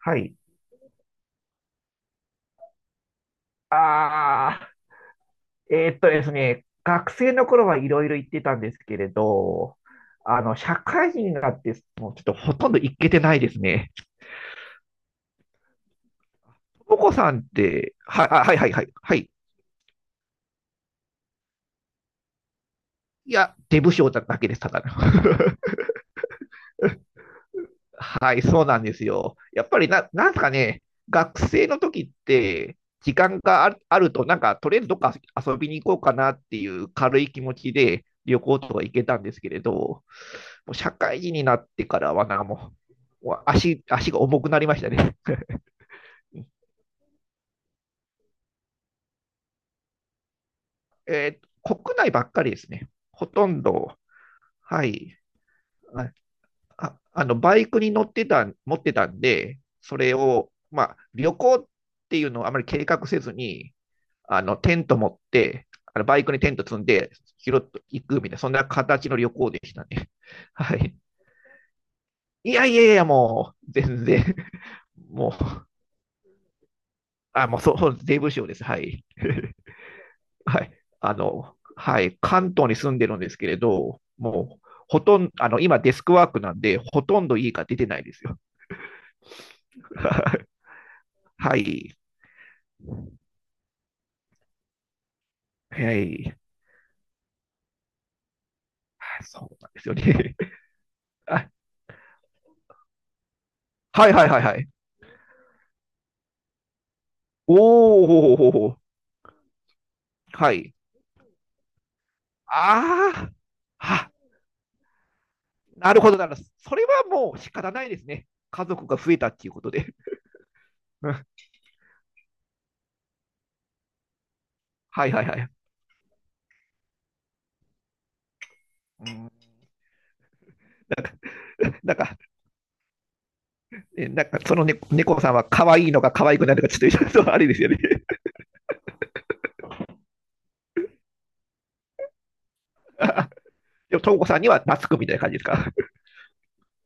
はい。あですね、学生の頃はいろいろ行ってたんですけれど、社会人になって、もうちょっとほとんど行けてないですね。お子さんって、はい、はい、はい、はい。はい。いや、出不精だけです、ただの。はい、そうなんですよ。やっぱりな、なんすかね、学生の時って、時間があると、なんか、とりあえずどっか遊びに行こうかなっていう軽い気持ちで旅行とか行けたんですけれど、もう社会人になってからは、なんかもう足が重くなりましたね。国内ばっかりですね。ほとんど、はい。バイクに乗ってた、持ってたんで、それを、まあ、旅行っていうのをあまり計画せずに、テント持って、あのバイクにテント積んで、拾っていくみたいな、そんな形の旅行でしたね。はい。いやいやいや、もう、全然、もう、もう、そう、税務署です。はい。はい。はい。関東に住んでるんですけれど、もう、ほとんど、今デスクワークなんで、ほとんど家が出てないですよ。はい。早い。そうなんですよね。あ、はいはいはいはい。おー、ほうほうほうほう。はい。ああ、なるほどなるほど。それはもう仕方ないですね。家族が増えたっていうことで。うんはいはいはい。うんなんか、なんかそのね、猫さんは可愛いのか可愛くないのか、ちょっとあれですよね。あでも、ともこさんには懐くみたいな感じですか？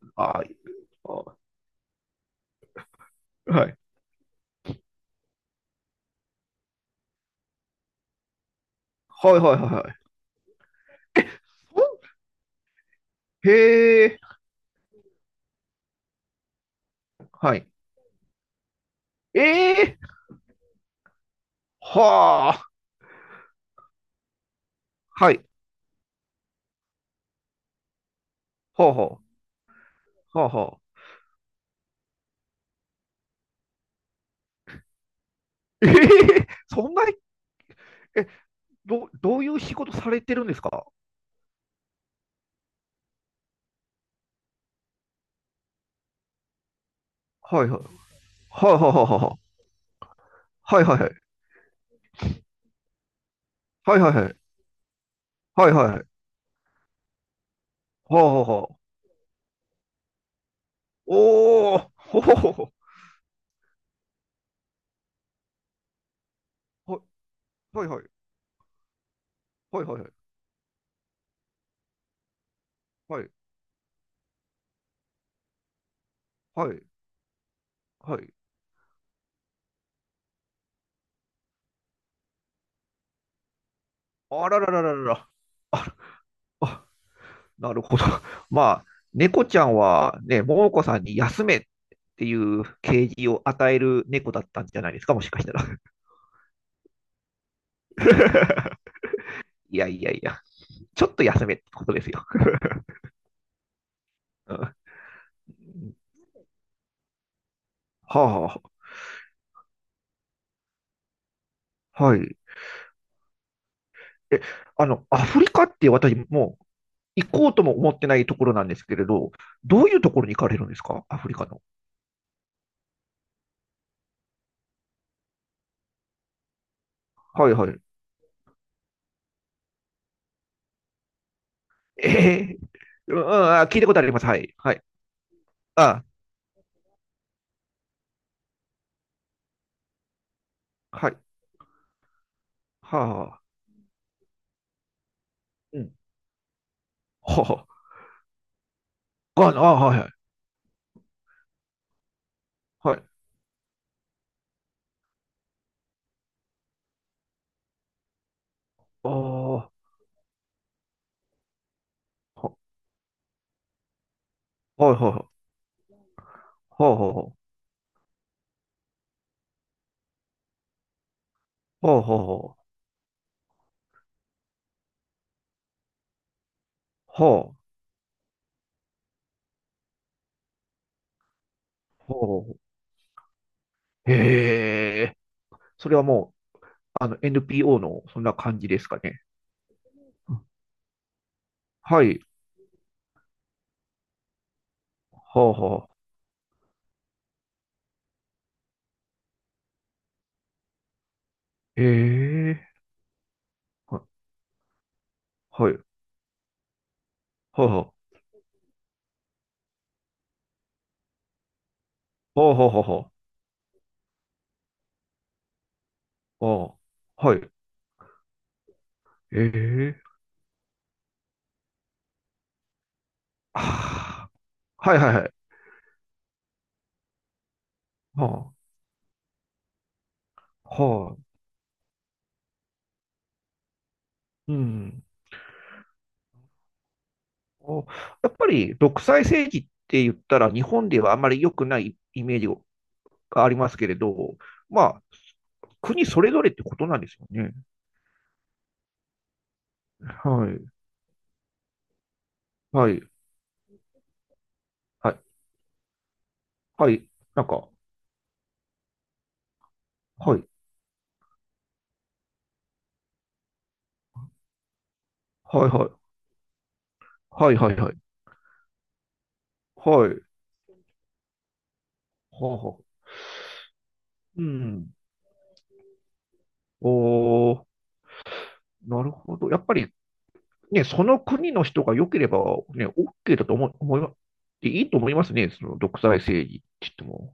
あーあはい。はい。はいはいはい。そんへえ。はい。ええはあ。はい。ほうほうはあはあ。ええそんなに、え、どういう仕事されてるんですか？はいはい。はいはいはいはいはい。はいはいはい。はいはいはい。はいはいはい。はあはあはあ。おお、ほほほほ。はいはいはい。はいはいはい。はいはいはい。あらららららら。あら、あ、なるほど。まあ、猫ちゃんはね、桃子さんに休めっていう啓示を与える猫だったんじゃないですか、もしかしたら。いやいやいや、ちょっと休めってことですよ。うんはあ、はい。え、あの、アフリカって私もう行こうとも思ってないところなんですけれど、どういうところに行かれるんですかアフリカの？はいはい。ええうん、聞いたことあります。はい。はい。あ、はい。はあ。うん。はあ。はいはい。はい。ああ。は、はいはいはい。はあはあはあはあはあ。はあ。はあ。へえ。それはもう、NPO のそんな感じですかね？うんはい。はあはあええは、はい、はいはい、はあはあはあ、はあ、ほうはい、ええああ、はいはいはい、はははははいええああはいはいはいはあはあうん。おやっぱり独裁政治って言ったら日本ではあまり良くないイメージがありますけれど、まあ、国それぞれってことなんですよね。はい、はい、はい、はい、なんか、はい、はいはい、はいはいはい、はい、はあはあ、うん。おー、なるほど。やっぱりね、その国の人が良ければ、ね、OK だと思い、思いま、いいと思いますね、その独裁政治って言っても。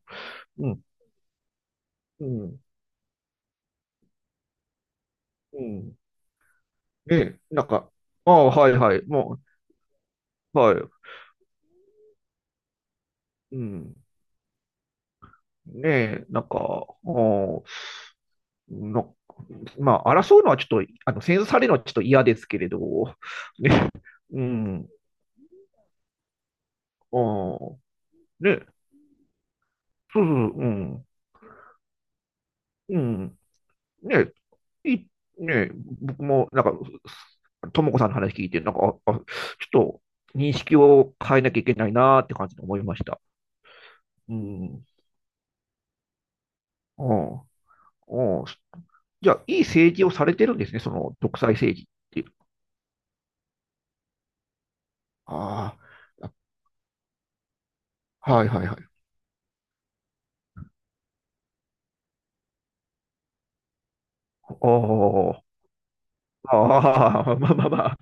うん、うん、うん。ね、なんか、ああ、はいはい、もう、はい、うん。ねえ、なんか、おの、まあ、争うのはちょっと、戦争されるのはちょっと嫌ですけれど、ね、うん、ああ、ね、そうそう、うん、うん、ね、いね、僕も、なんか、ともこさんの話聞いて、なんか、ちょっと認識を変えなきゃいけないなーって感じで思いました。うん。うんうんじゃあ、いい政治をされてるんですね、その独裁政治っていう。ああ、はいはいはい。おー、ああ、まあまあま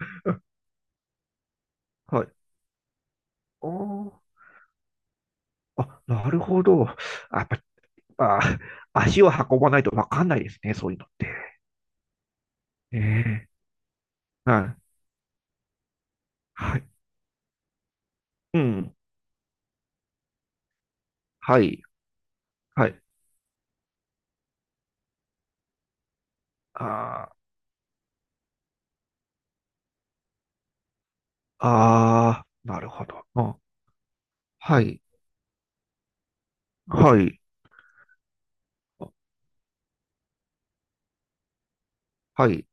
あ。はい。おー、なるほど。やっぱ、あ足を運ばないとわかんないですね、そういうのって。ええはい。はい。うん。はい。はい。ああ、ああ、なるほど。うん。はい。はい。はい。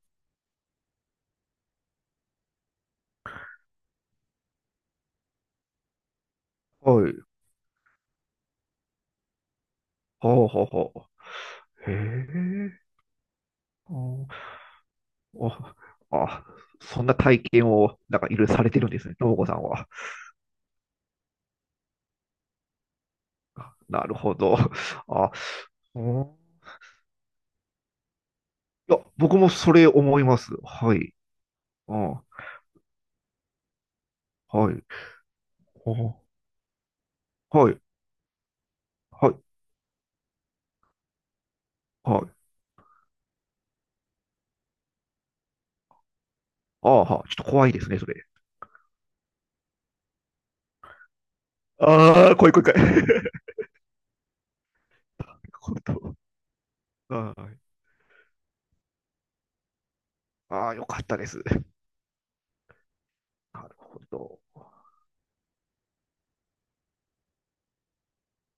はい。ほうほうほう。へえ。お、お、あ、そんな体験を、なんかいろいろされてるんですね、ともこさんは。なるほど。あ、うんいや、僕もそれ思います。はい。うん。はい。おはい。はい。はい。ああ、はあ、ちょっと怖いですね、それ。ああ、怖い怖い怖い。なるほど。はい。ああ、よかったです。なるほど。